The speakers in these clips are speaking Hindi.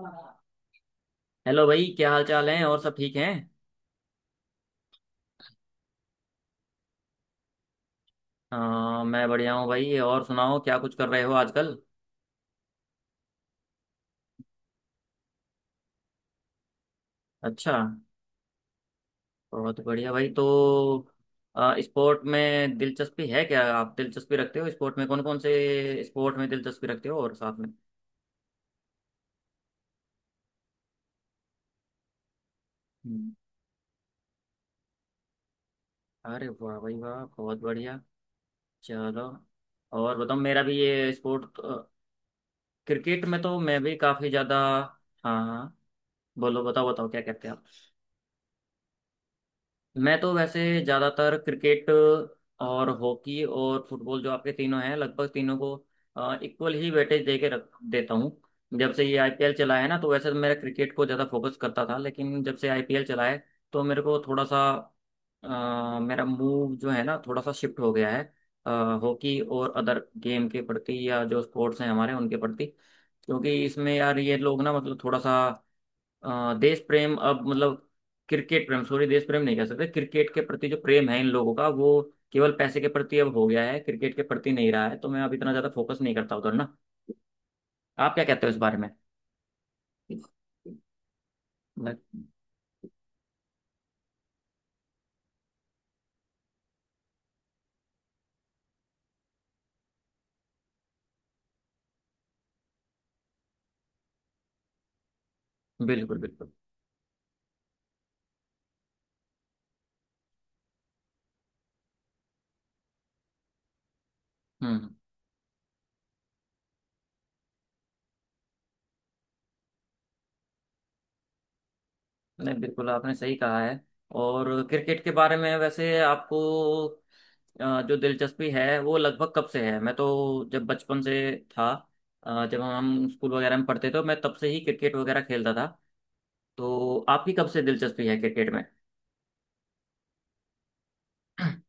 हेलो। भाई, क्या हाल चाल है? और सब ठीक हैं? हाँ, मैं बढ़िया हूँ भाई। और सुनाओ, क्या कुछ कर रहे हो आजकल? अच्छा। बहुत बढ़िया भाई। तो स्पोर्ट में दिलचस्पी है? क्या आप दिलचस्पी रखते हो स्पोर्ट में? कौन कौन से स्पोर्ट में दिलचस्पी रखते हो? और साथ में। हम्म। अरे वाह भाई वाह, बहुत बढ़िया। चलो। और बताओ, मेरा भी ये स्पोर्ट। क्रिकेट में तो मैं भी काफ़ी ज़्यादा। हाँ, हाँ। बोलो, बताओ, बताओ, क्या कहते हैं आप? मैं तो वैसे ज़्यादातर क्रिकेट और हॉकी और फुटबॉल, जो आपके तीनों हैं, लगभग तीनों को इक्वल ही वेटेज दे के रख देता हूँ। जब से ये आईपीएल चला है ना, तो वैसे तो मेरा क्रिकेट को ज़्यादा फोकस करता था, लेकिन जब से आईपीएल चला है, तो मेरे को थोड़ा सा मेरा मूव जो है ना, थोड़ा सा शिफ्ट हो गया है। अ, हॉकी और अदर गेम के प्रति, या जो स्पोर्ट्स हैं हमारे उनके प्रति। क्योंकि इसमें यार ये लोग ना, मतलब थोड़ा सा देश प्रेम, अब मतलब क्रिकेट प्रेम, सॉरी, देश प्रेम नहीं कह सकते, क्रिकेट के प्रति जो प्रेम है इन लोगों का वो केवल पैसे के प्रति अब हो गया है, क्रिकेट के प्रति नहीं रहा है, तो मैं अब इतना ज्यादा फोकस नहीं करता उधर ना। आप क्या कहते हो इस बारे में? मैं- बिल्कुल, बिल्कुल। हम्म। नहीं, बिल्कुल, आपने सही कहा है। और क्रिकेट के बारे में वैसे आपको जो दिलचस्पी है वो लगभग कब से है? मैं तो जब बचपन से था, जब हम स्कूल वगैरह में पढ़ते थे तो मैं तब से ही क्रिकेट वगैरह खेलता था। तो आपकी कब से दिलचस्पी है क्रिकेट में?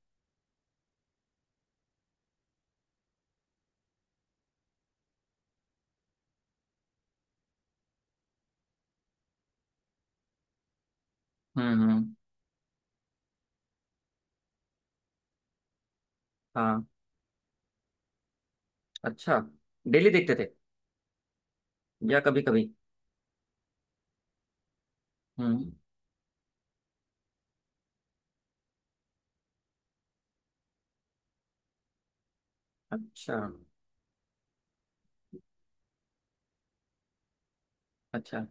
हम्म, हम्म। हाँ। अच्छा। डेली देखते थे या कभी कभी? हम्म। अच्छा, अच्छा।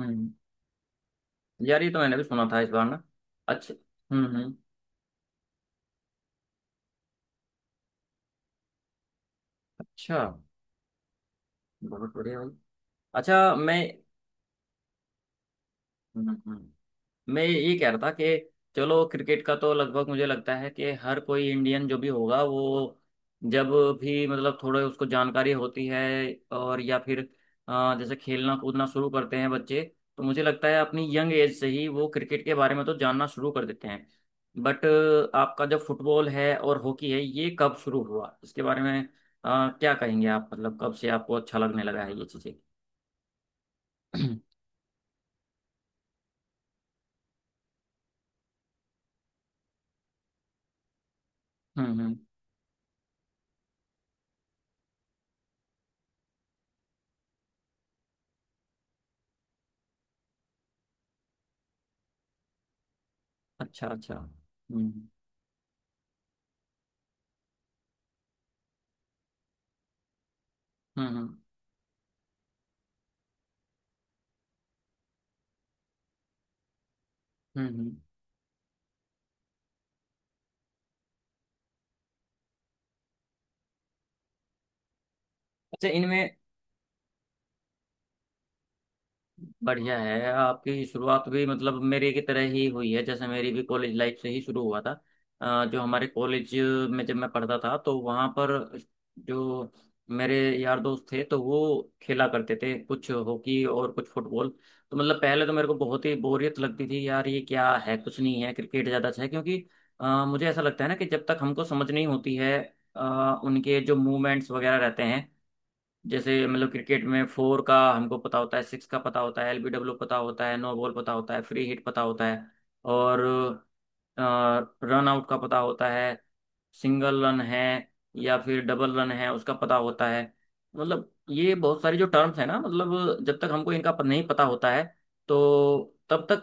हम्म। यार ये तो मैंने भी सुना था इस बार ना। अच्छा। हम्म, हम्म। अच्छा, बहुत बढ़िया भाई। अच्छा। मैं हम्म, मैं ये कह रहा था कि चलो, क्रिकेट का तो लगभग मुझे लगता है कि हर कोई इंडियन जो भी होगा वो जब भी, मतलब, थोड़े उसको जानकारी होती है, और या फिर जैसे खेलना कूदना शुरू करते हैं बच्चे, तो मुझे लगता है अपनी यंग एज से ही वो क्रिकेट के बारे में तो जानना शुरू कर देते हैं। बट आपका जो फुटबॉल है और हॉकी है, ये कब शुरू हुआ इसके बारे में? क्या कहेंगे आप, मतलब कब से आपको अच्छा लगने लगा है ये चीज़ें? हम्म, हम्म। अच्छा, अच्छा। हम्म, हम्म। हम्म, हम्म, अच्छा। इनमें बढ़िया है आपकी शुरुआत भी, मतलब मेरे की तरह ही हुई है, जैसे मेरी भी कॉलेज लाइफ से ही शुरू हुआ था। जो हमारे कॉलेज में जब मैं पढ़ता था तो वहाँ पर जो मेरे यार दोस्त थे तो वो खेला करते थे कुछ हॉकी और कुछ फुटबॉल। तो मतलब पहले तो मेरे को बहुत ही बोरियत लगती थी, यार ये क्या है, कुछ नहीं है, क्रिकेट ज़्यादा अच्छा है, क्योंकि मुझे ऐसा लगता है ना कि जब तक हमको समझ नहीं होती है उनके जो मूवमेंट्स वगैरह रहते हैं, जैसे मतलब क्रिकेट में फोर का हमको पता होता है, सिक्स का पता होता है, एलबीडब्ल्यू पता होता है, नो बॉल पता होता है, फ्री हिट पता होता है, और रन आउट का पता होता है, सिंगल रन है या फिर डबल रन है उसका पता होता है। मतलब ये बहुत सारी जो टर्म्स है ना, मतलब जब तक हमको इनका नहीं पता होता है, तो तब तक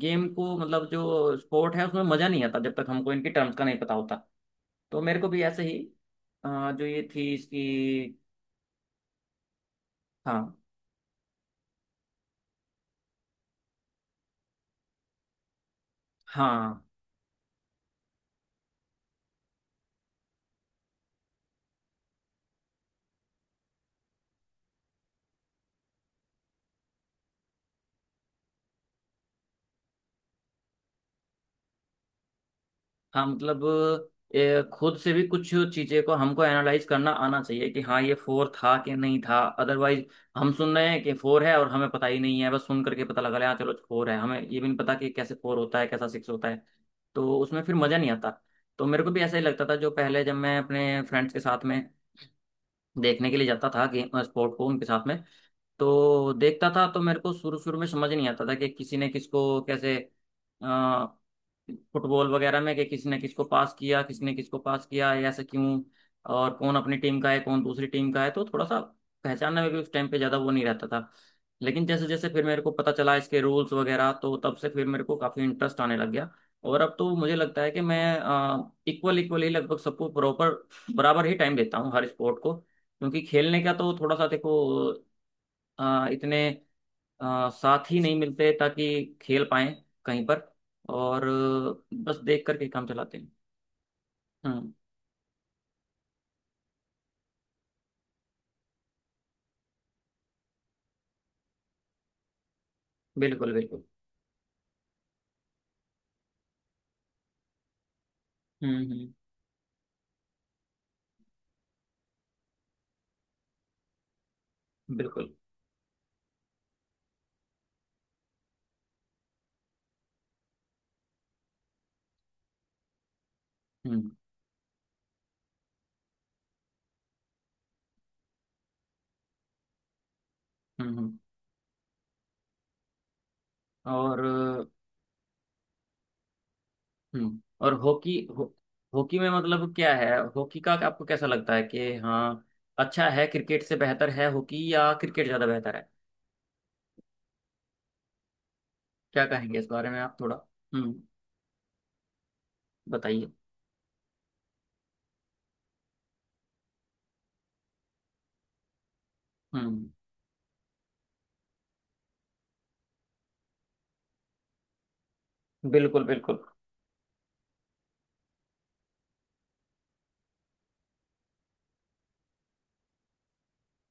गेम को, मतलब जो स्पोर्ट है, उसमें मज़ा नहीं आता जब तक हमको इनकी टर्म्स का नहीं पता होता। तो मेरे को भी ऐसे ही जो ये थी इसकी। हाँ, हाँ। हाँ, मतलब ये खुद से भी कुछ चीजें को हमको एनालाइज करना आना चाहिए कि हाँ ये फोर था कि नहीं था, अदरवाइज हम सुन रहे हैं कि फोर है और हमें पता ही नहीं है, बस सुन करके पता लगा रहे हैं, हाँ चलो फोर है, हमें ये भी नहीं पता कि कैसे फोर होता है, कैसा सिक्स होता है। तो उसमें फिर मजा नहीं आता। तो मेरे को भी ऐसा ही लगता था, जो पहले जब मैं अपने फ्रेंड्स के साथ में देखने के लिए जाता था गेम स्पोर्ट को उनके साथ में, तो देखता था, तो मेरे को शुरू शुरू में समझ नहीं आता था कि किसी ने किसको कैसे अ, फुटबॉल वगैरह में, कि किसी ने किसको पास किया, किसी ने किसको पास किया, या ऐसा क्यों, और कौन अपनी टीम का है, कौन दूसरी टीम का है, तो थोड़ा सा पहचानने में भी उस टाइम पे ज़्यादा वो नहीं रहता था। लेकिन जैसे जैसे फिर मेरे को पता चला इसके रूल्स वगैरह, तो तब से फिर मेरे को काफ़ी इंटरेस्ट आने लग गया। और अब तो मुझे लगता है कि मैं इक्वल इक्वल ही लगभग सबको प्रॉपर बराबर ही टाइम देता हूँ हर स्पोर्ट को, क्योंकि खेलने का तो थोड़ा सा देखो, इतने साथी नहीं मिलते ताकि खेल पाएं कहीं पर, और बस देख करके काम चलाते हैं। हम्म। बिल्कुल, बिल्कुल। हम्म, हम्म। बिल्कुल। हम्म, हम्म, और हम्म। और हॉकी हो, हॉकी में मतलब क्या है, हॉकी का आपको कैसा लगता है कि हाँ अच्छा है, क्रिकेट से बेहतर है हॉकी या क्रिकेट ज़्यादा बेहतर है? क्या कहेंगे इस बारे में आप थोड़ा? हम्म। बताइए। हम्म। बिल्कुल, बिल्कुल।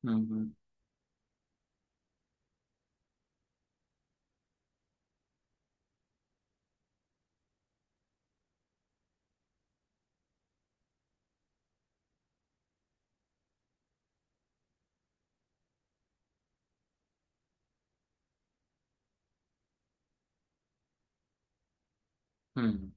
हम्म, हम्म, हम्म।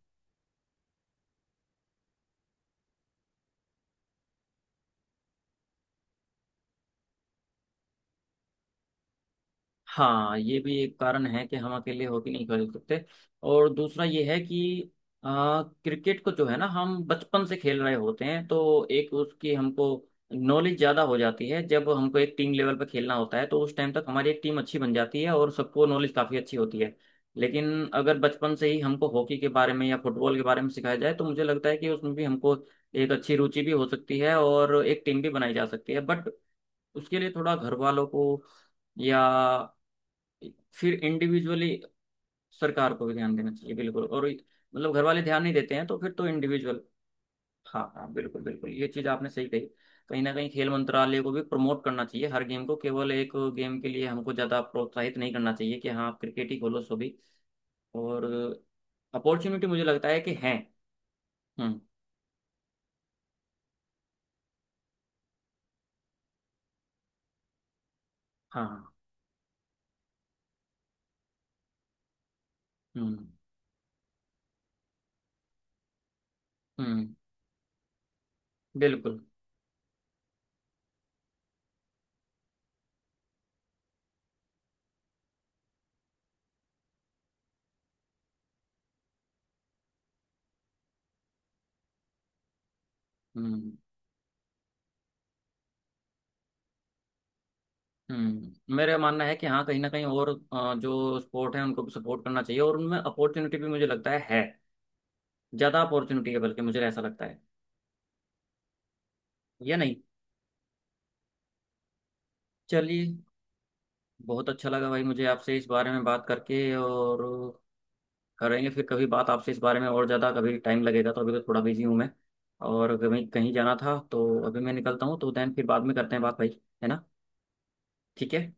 हाँ, ये भी एक कारण है कि हम अकेले हॉकी नहीं खेल सकते। और दूसरा ये है कि क्रिकेट को जो है ना, हम बचपन से खेल रहे होते हैं, तो एक उसकी हमको नॉलेज ज़्यादा हो जाती है, जब हमको एक टीम लेवल पर खेलना होता है तो उस टाइम तक हमारी एक टीम अच्छी बन जाती है और सबको नॉलेज काफ़ी अच्छी होती है। लेकिन अगर बचपन से ही हमको हॉकी के बारे में या फुटबॉल के बारे में सिखाया जाए, तो मुझे लगता है कि उसमें भी हमको एक अच्छी रुचि भी हो सकती है और एक टीम भी बनाई जा सकती है। बट उसके लिए थोड़ा घर वालों को, या फिर इंडिविजुअली सरकार को भी ध्यान देना चाहिए, बिल्कुल। और मतलब घर वाले ध्यान नहीं देते हैं तो फिर तो इंडिविजुअल। हाँ, हाँ, बिल्कुल, बिल्कुल, ये चीज आपने सही कही। कहीं ना कहीं खेल मंत्रालय को भी प्रमोट करना चाहिए हर गेम को, केवल एक गेम के लिए हमको ज्यादा प्रोत्साहित नहीं करना चाहिए कि हाँ आप क्रिकेट ही खोलो, सो भी, और अपॉर्चुनिटी मुझे लगता है कि है। हम्म। हाँ, हाँ। हम्म, हम्म। बिल्कुल। हम्म, हम्म। मेरा मानना है कि हाँ कहीं ना कहीं और जो स्पोर्ट है उनको भी सपोर्ट करना चाहिए, और उनमें अपॉर्चुनिटी भी मुझे लगता है, ज्यादा अपॉर्चुनिटी है, बल्कि मुझे ऐसा लगता है, या नहीं? चलिए, बहुत अच्छा लगा भाई मुझे आपसे इस बारे में बात करके, और करेंगे फिर कभी बात आपसे इस बारे में और ज्यादा, कभी टाइम लगेगा, तो अभी तो थोड़ा बिजी हूँ मैं और कहीं कहीं जाना था, तो अभी मैं निकलता हूँ, तो देन फिर बाद में करते हैं बात भाई, है ना? ठीक है।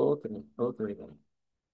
ओके। ओके भाई, bye।